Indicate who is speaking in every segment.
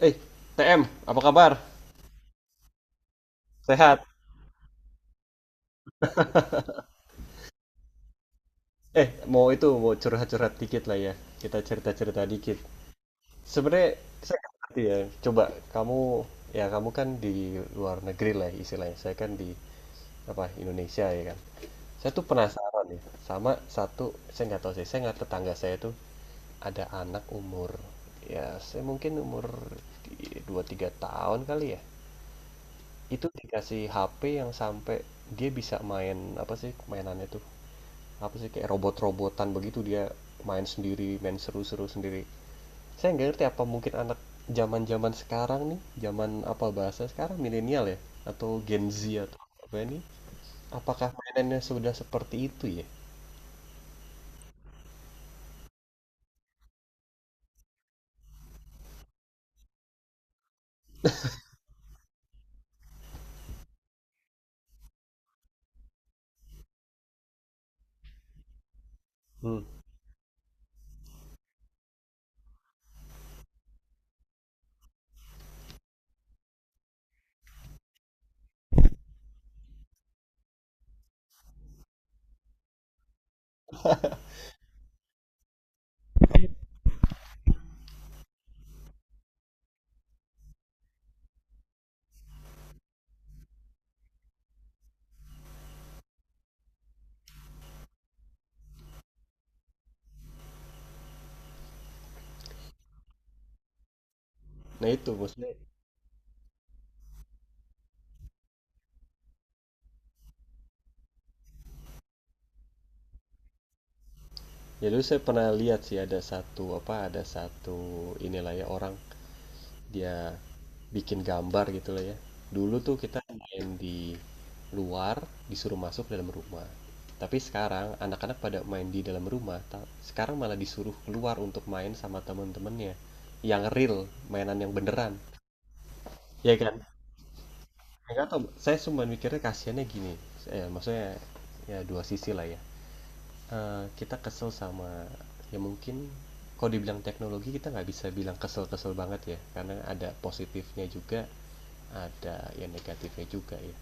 Speaker 1: Eh, TM, apa kabar? Sehat? Eh, mau curhat-curhat dikit lah ya. Kita cerita-cerita dikit. Sebenarnya saya nggak ngerti ya. Coba kamu, ya kamu kan di luar negeri lah istilahnya. Saya kan di apa Indonesia ya kan. Saya tuh penasaran ya sama satu, saya nggak tahu sih. Saya nggak Tetangga saya tuh ada anak umur, ya saya mungkin umur dua tiga tahun kali ya. Itu dikasih HP yang sampai dia bisa main apa sih mainannya tuh, apa sih kayak robot-robotan begitu, dia main sendiri, main seru-seru sendiri. Saya nggak ngerti, apa mungkin anak zaman-zaman sekarang nih, zaman apa bahasa sekarang milenial ya, atau Gen Z, atau apa ini? Apakah mainannya sudah seperti itu ya? Hmm. Nah itu maksudnya, ya dulu saya pernah lihat sih, ada satu inilah ya orang, dia bikin gambar gitu loh ya. Dulu tuh kita main di luar, disuruh masuk dalam rumah. Tapi sekarang anak-anak pada main di dalam rumah, sekarang malah disuruh keluar untuk main sama temen-temennya. Yang real, mainan yang beneran. Ya kan? Enggak tahu, saya cuma mikirnya kasihannya gini. Eh, maksudnya ya dua sisi lah ya. Eh, kita kesel sama, ya mungkin kalau dibilang teknologi kita nggak bisa bilang kesel-kesel banget ya, karena ada positifnya juga, ada ya negatifnya juga ya.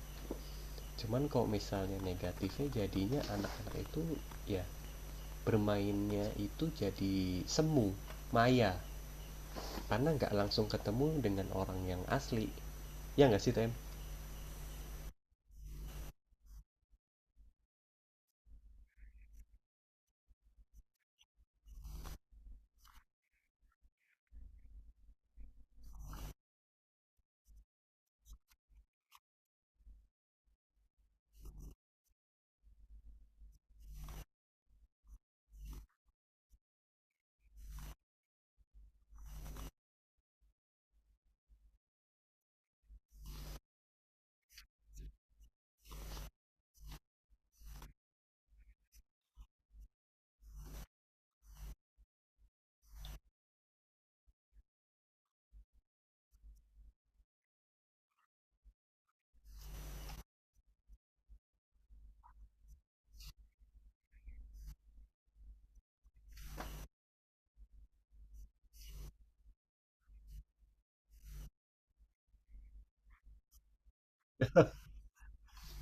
Speaker 1: Cuman kalau misalnya negatifnya, jadinya anak-anak itu ya bermainnya itu jadi semu, maya, karena nggak langsung ketemu dengan orang yang asli, ya nggak sih, Tem?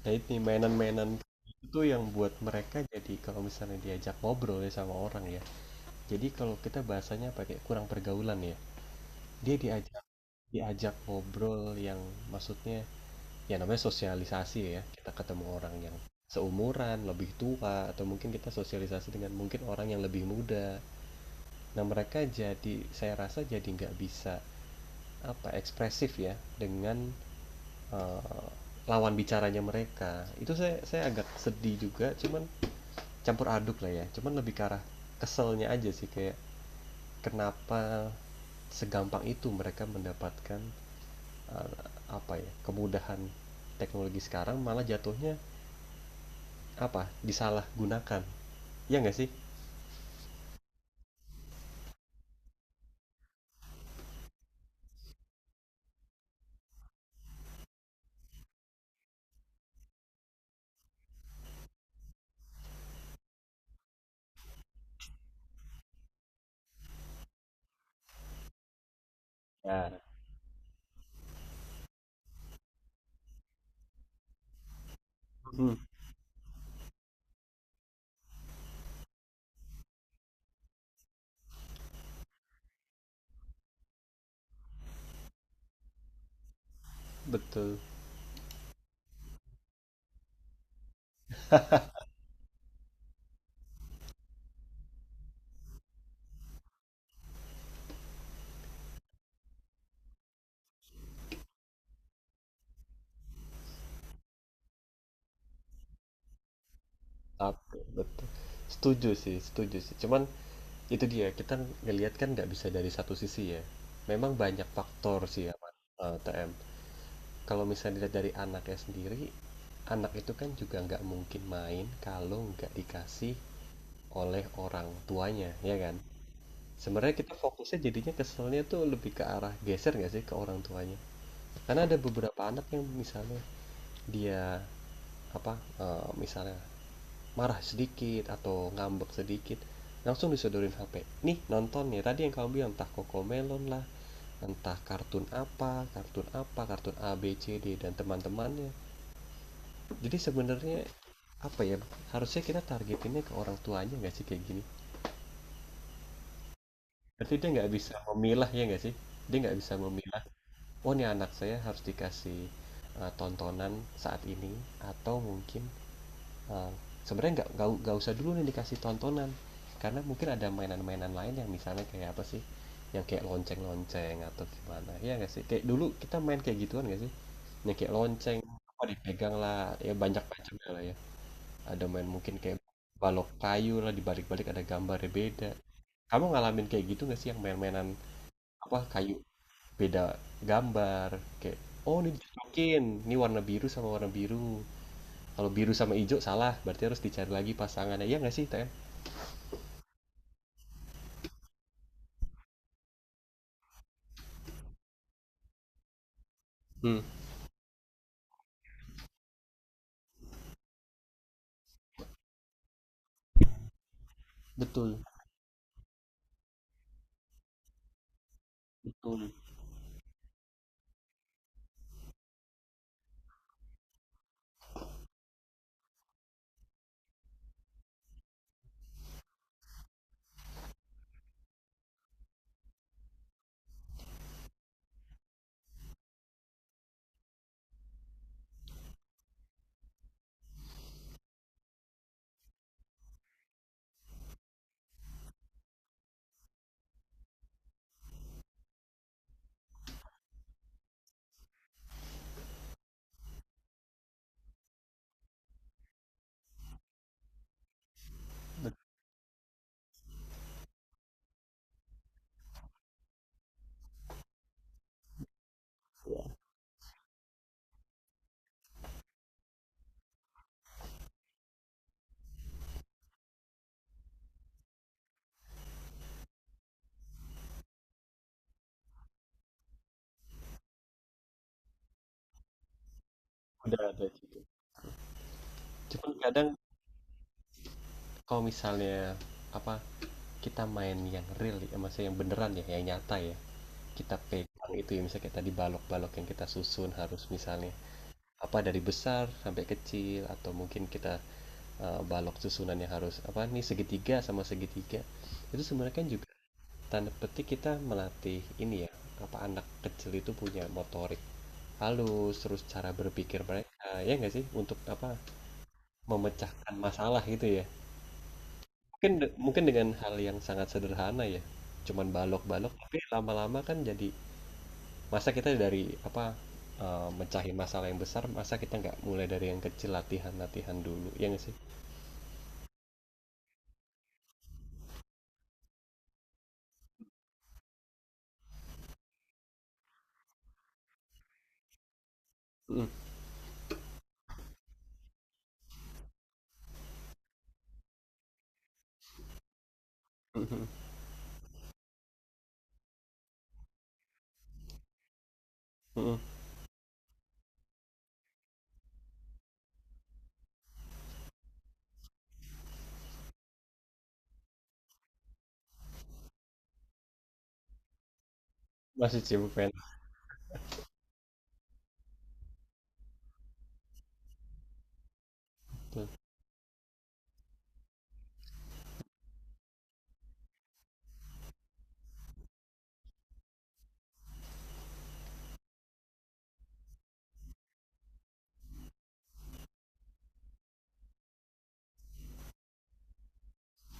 Speaker 1: Nah ini mainan-mainan itu yang buat mereka jadi kalau misalnya diajak ngobrol ya sama orang ya, jadi kalau kita bahasanya pakai kurang pergaulan ya. Dia diajak diajak ngobrol yang maksudnya ya, namanya sosialisasi ya, kita ketemu orang yang seumuran, lebih tua, atau mungkin kita sosialisasi dengan mungkin orang yang lebih muda. Nah mereka jadi, saya rasa jadi nggak bisa apa, ekspresif ya dengan eh, lawan bicaranya. Mereka itu, saya agak sedih juga, cuman campur aduk lah ya, cuman lebih ke arah keselnya aja sih, kayak kenapa segampang itu mereka mendapatkan eh, apa ya, kemudahan teknologi sekarang malah jatuhnya apa, disalahgunakan, ya nggak sih? Ya. Hmm, betul. Tapi, betul, setuju sih cuman itu dia, kita ngelihat kan nggak bisa dari satu sisi ya, memang banyak faktor sih ya, Mas, TM. Kalau misalnya dilihat dari anaknya sendiri, anak itu kan juga nggak mungkin main kalau nggak dikasih oleh orang tuanya, ya kan? Sebenarnya kita fokusnya jadinya keselnya tuh lebih ke arah geser nggak sih ke orang tuanya, karena ada beberapa anak yang misalnya dia apa, misalnya marah sedikit atau ngambek sedikit, langsung disodorin HP, nih nonton ya. Tadi yang kamu bilang entah Kokomelon lah, entah kartun apa kartun apa kartun A B C D dan teman-temannya. Jadi sebenarnya apa ya, harusnya kita targetinnya ke orang tuanya nggak sih kayak gini? Berarti dia nggak bisa memilah, ya nggak sih? Dia nggak bisa memilah, oh ini anak saya harus dikasih tontonan saat ini, atau mungkin Eh, sebenarnya nggak usah dulu nih dikasih tontonan, karena mungkin ada mainan-mainan lain yang misalnya kayak apa sih, yang kayak lonceng-lonceng atau gimana ya nggak sih, kayak dulu kita main kayak gituan nggak sih, yang kayak lonceng apa dipegang lah ya, banyak macamnya lah ya. Ada main mungkin kayak balok kayu lah, dibalik-balik ada gambarnya beda. Kamu ngalamin kayak gitu nggak sih, yang main-mainan apa kayu, beda gambar, kayak oh ini dicocokin, ini warna biru sama warna biru, kalau biru sama hijau salah, berarti harus dicari lagi pasangannya. Iya nggak sih, Tem? Hmm. Betul, betul. Ya, udah ada gitu. Cuman kadang kalau misalnya apa, kita main yang real ya, maksudnya yang beneran ya, yang nyata ya. Kita pegang itu ya, misalnya kayak tadi balok-balok yang kita susun harus misalnya apa, dari besar sampai kecil, atau mungkin kita balok susunannya harus apa nih, segitiga sama segitiga. Itu sebenarnya kan juga tanda petik kita melatih ini ya, apa anak kecil itu punya motorik halus, terus cara berpikir mereka, ya nggak sih? Untuk apa? Memecahkan masalah gitu ya. Mungkin mungkin dengan hal yang sangat sederhana ya. Cuman balok-balok, tapi lama-lama kan jadi masa kita dari apa, mecahin masalah yang besar, masa kita nggak mulai dari yang kecil, latihan-latihan dulu, ya nggak sih? Mm, mm, mm, mm. Masih sibuk pengen. Betul,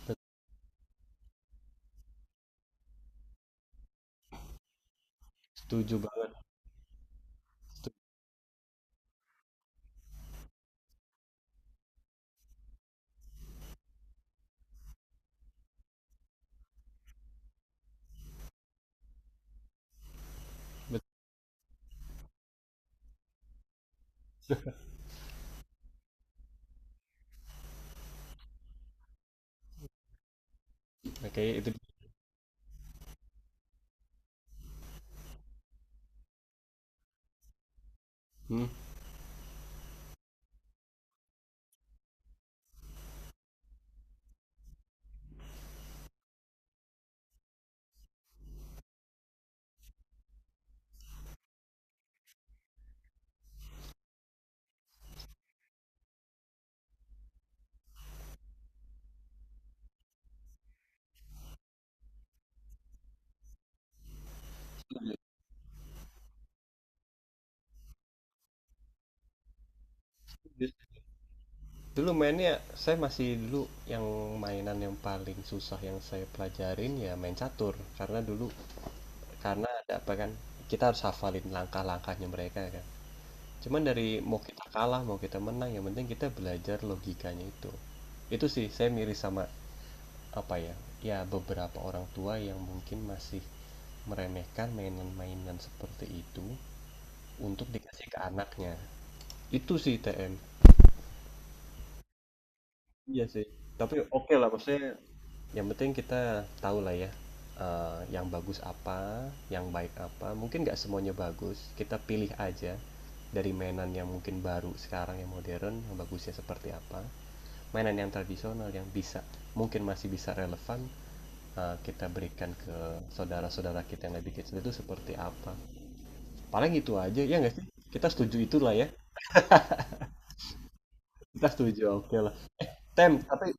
Speaker 1: betul. Setuju banget. Setuju. Betul. Oke, itu. Hmm. Dulu mainnya saya masih dulu yang mainan yang paling susah yang saya pelajarin ya main catur, karena dulu karena ada apa kan kita harus hafalin langkah-langkahnya mereka kan. Cuman dari mau kita kalah mau kita menang, yang penting kita belajar logikanya itu. Itu sih saya miris sama apa ya? Ya beberapa orang tua yang mungkin masih meremehkan mainan-mainan seperti itu untuk dikasih ke anaknya. Itu sih TM. Iya sih. Tapi oke lah maksudnya, yang penting kita tahu lah ya, yang bagus apa, yang baik apa, mungkin nggak semuanya bagus, kita pilih aja dari mainan yang mungkin baru sekarang yang modern, yang bagusnya seperti apa, mainan yang tradisional yang bisa mungkin masih bisa relevan, kita berikan ke saudara-saudara kita yang lebih kecil itu seperti apa. Paling itu aja, ya nggak sih? Kita setuju itulah ya, kita setuju, oke lah, Tem, tapi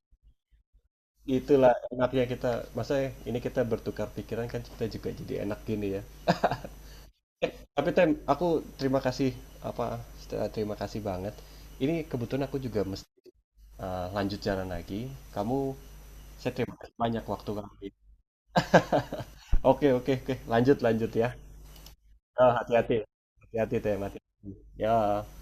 Speaker 1: itulah enaknya kita, maksudnya ini kita bertukar pikiran kan, kita juga jadi enak gini ya. Eh, tapi Tem, aku terima kasih apa terima kasih banget. Ini kebetulan aku juga mesti lanjut jalan lagi. Kamu saya terima kasih banyak waktu kamu. Oke, oke, oke. Lanjut, lanjut ya. Eh, hati-hati. Hati-hati, Tem. Hati-hati. Ya.